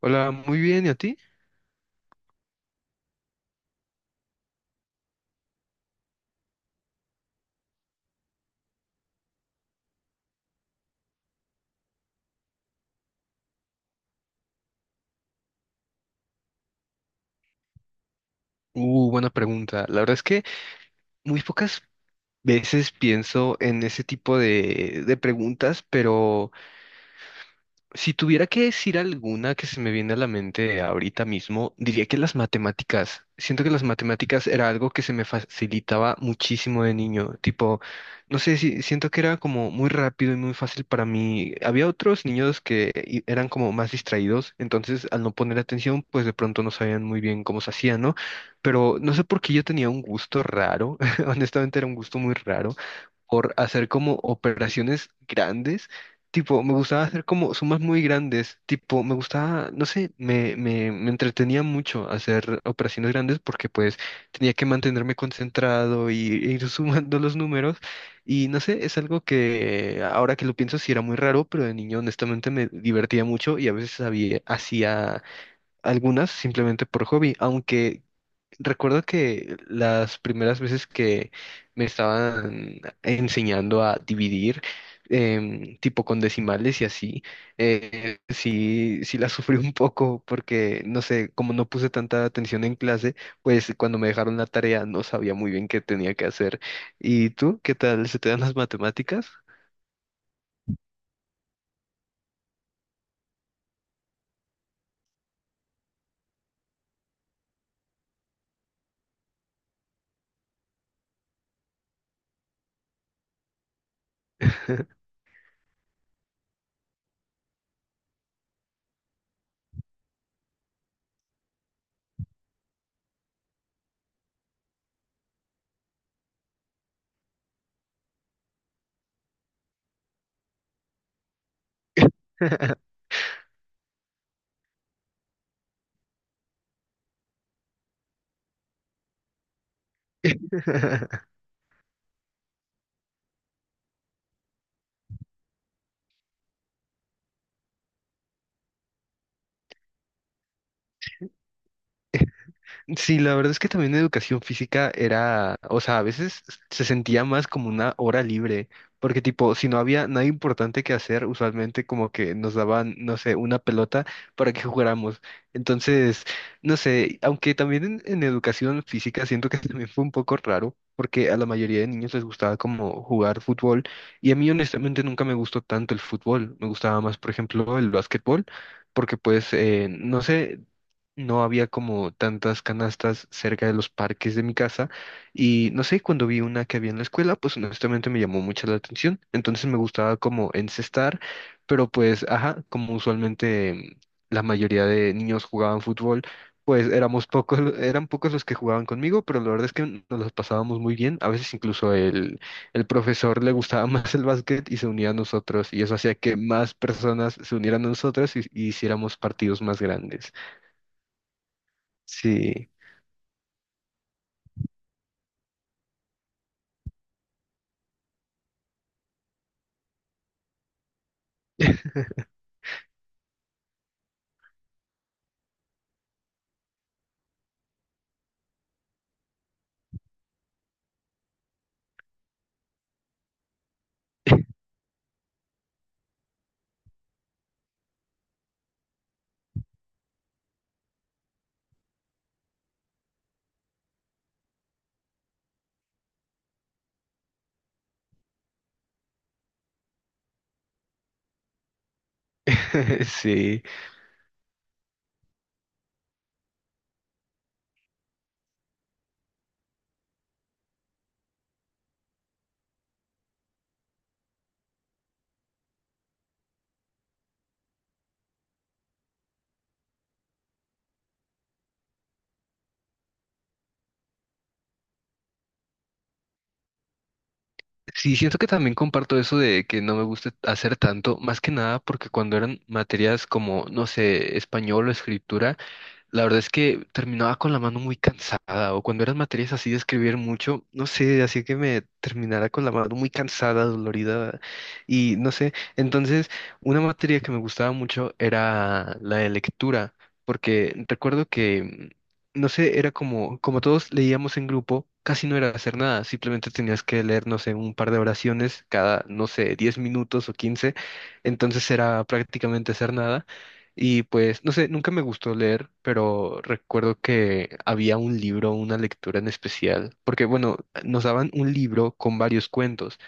Hola, muy bien, ¿y a ti? Buena pregunta. La verdad es que muy pocas veces pienso en ese tipo de preguntas, pero si tuviera que decir alguna que se me viene a la mente ahorita mismo, diría que las matemáticas. Siento que las matemáticas era algo que se me facilitaba muchísimo de niño. Tipo, no sé si siento que era como muy rápido y muy fácil para mí. Había otros niños que eran como más distraídos, entonces al no poner atención, pues de pronto no sabían muy bien cómo se hacía, ¿no? Pero no sé por qué yo tenía un gusto raro. Honestamente era un gusto muy raro por hacer como operaciones grandes. Tipo, me gustaba hacer como sumas muy grandes. Tipo, me gustaba, no sé, me entretenía mucho hacer operaciones grandes porque pues tenía que mantenerme concentrado y e ir sumando los números. Y no sé, es algo que ahora que lo pienso sí era muy raro, pero de niño honestamente me divertía mucho y a veces hacía algunas simplemente por hobby, aunque recuerdo que las primeras veces que me estaban enseñando a dividir, tipo con decimales y así, sí la sufrí un poco porque, no sé, como no puse tanta atención en clase, pues cuando me dejaron la tarea no sabía muy bien qué tenía que hacer. ¿Y tú, qué tal? ¿Se te dan las matemáticas? Sí, la verdad es que también educación física era, o sea, a veces se sentía más como una hora libre, porque tipo, si no había nada importante que hacer, usualmente como que nos daban, no sé, una pelota para que jugáramos. Entonces, no sé, aunque también en educación física siento que también fue un poco raro, porque a la mayoría de niños les gustaba como jugar fútbol, y a mí honestamente nunca me gustó tanto el fútbol, me gustaba más, por ejemplo, el básquetbol. Porque pues, no sé, no había como tantas canastas cerca de los parques de mi casa y no sé, cuando vi una que había en la escuela, pues honestamente me llamó mucho la atención, entonces me gustaba como encestar, pero pues, ajá, como usualmente la mayoría de niños jugaban fútbol, pues éramos pocos, eran pocos los que jugaban conmigo, pero la verdad es que nos los pasábamos muy bien, a veces incluso el profesor le gustaba más el básquet y se unía a nosotros y eso hacía que más personas se unieran a nosotros y hiciéramos partidos más grandes. Sí, sí. Sí, siento que también comparto eso de que no me gusta hacer tanto, más que nada porque cuando eran materias como, no sé, español o escritura, la verdad es que terminaba con la mano muy cansada, o cuando eran materias así de escribir mucho, no sé, así que me terminara con la mano muy cansada, dolorida, y no sé. Entonces, una materia que me gustaba mucho era la de lectura, porque recuerdo que, mm, no sé, era como todos leíamos en grupo, casi no era hacer nada, simplemente tenías que leer, no sé, un par de oraciones cada, no sé, 10 minutos o 15, entonces era prácticamente hacer nada. Y pues, no sé, nunca me gustó leer, pero recuerdo que había un libro, una lectura en especial, porque bueno, nos daban un libro con varios cuentos.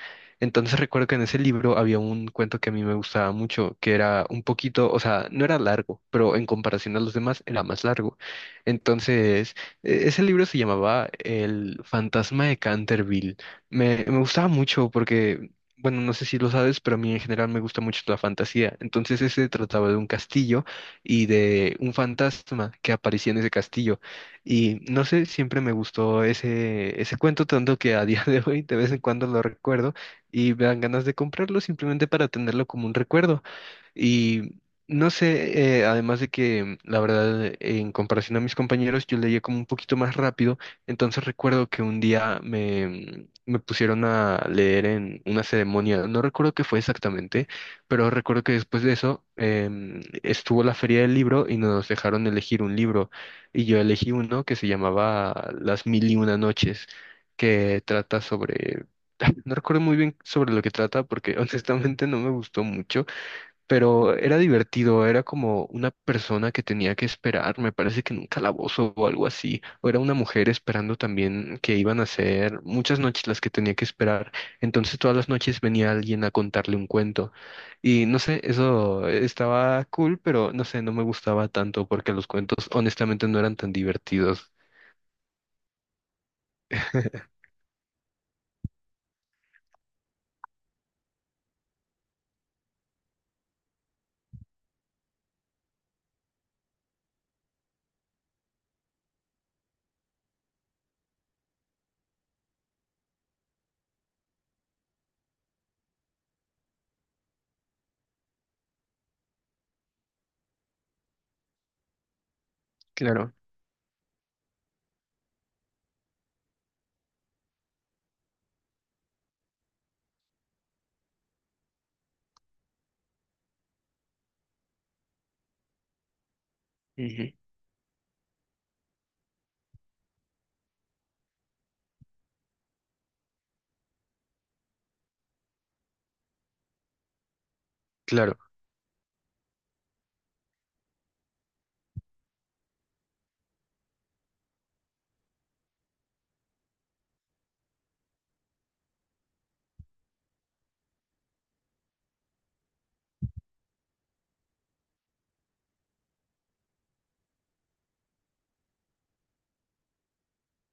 Entonces recuerdo que en ese libro había un cuento que a mí me gustaba mucho, que era un poquito, o sea, no era largo, pero en comparación a los demás era más largo. Entonces, ese libro se llamaba El fantasma de Canterville. Me gustaba mucho porque bueno, no sé si lo sabes, pero a mí en general me gusta mucho la fantasía. Entonces ese trataba de un castillo y de un fantasma que aparecía en ese castillo. Y no sé, siempre me gustó ese cuento, tanto que a día de hoy de vez en cuando lo recuerdo y me dan ganas de comprarlo simplemente para tenerlo como un recuerdo. Y no sé, además de que la verdad, en comparación a mis compañeros, yo leía como un poquito más rápido. Entonces recuerdo que un día me pusieron a leer en una ceremonia, no recuerdo qué fue exactamente, pero recuerdo que después de eso estuvo la feria del libro y nos dejaron elegir un libro. Y yo elegí uno que se llamaba Las Mil y Una Noches, que trata sobre... No recuerdo muy bien sobre lo que trata porque honestamente no me gustó mucho, pero era divertido, era como una persona que tenía que esperar, me parece que en un calabozo o algo así, o era una mujer esperando también que iban a ser muchas noches las que tenía que esperar, entonces todas las noches venía alguien a contarle un cuento y no sé, eso estaba cool, pero no sé, no me gustaba tanto porque los cuentos honestamente no eran tan divertidos. Claro, ujú, claro.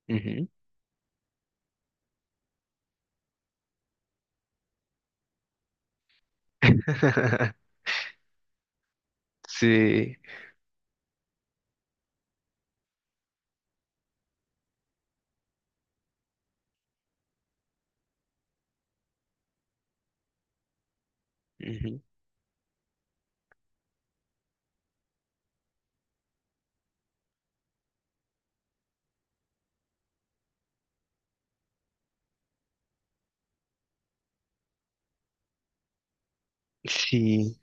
Ujú. Sí, ujú, sí.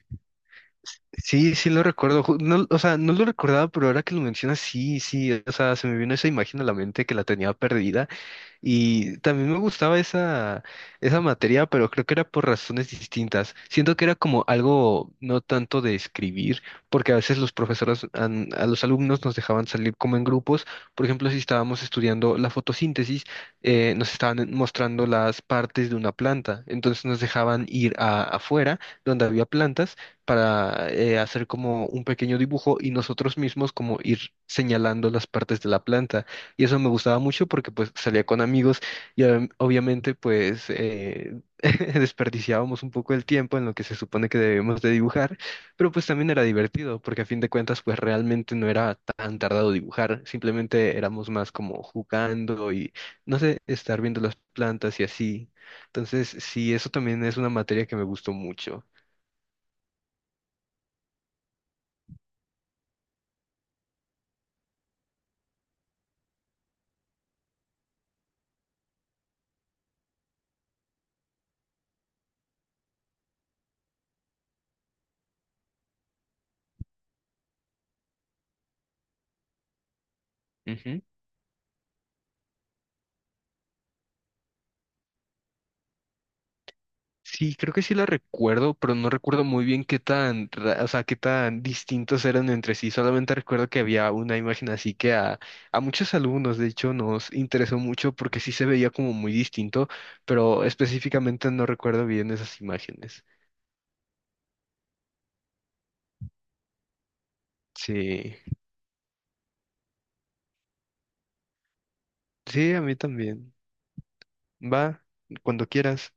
Sí, sí lo recuerdo. No, o sea, no lo recordaba, pero ahora que lo mencionas, sí, sí. O sea, se me vino esa imagen a la mente que la tenía perdida. Y también me gustaba esa materia, pero creo que era por razones distintas. Siento que era como algo no tanto de escribir, porque a veces los profesores a los alumnos nos dejaban salir como en grupos. Por ejemplo, si estábamos estudiando la fotosíntesis, nos estaban mostrando las partes de una planta. Entonces nos dejaban ir afuera, donde había plantas, para hacer como un pequeño dibujo y nosotros mismos como ir señalando las partes de la planta. Y eso me gustaba mucho porque pues salía con amigos y obviamente pues desperdiciábamos un poco el tiempo en lo que se supone que debemos de dibujar, pero pues también era divertido porque a fin de cuentas pues realmente no era tan tardado dibujar, simplemente éramos más como jugando y no sé, estar viendo las plantas y así. Entonces sí, eso también es una materia que me gustó mucho. Sí, creo que sí la recuerdo, pero no recuerdo muy bien qué tan, o sea, qué tan distintos eran entre sí. Solamente recuerdo que había una imagen así que a muchos alumnos, de hecho, nos interesó mucho porque sí se veía como muy distinto, pero específicamente no recuerdo bien esas imágenes. Sí, sí, a mí también. Va, cuando quieras.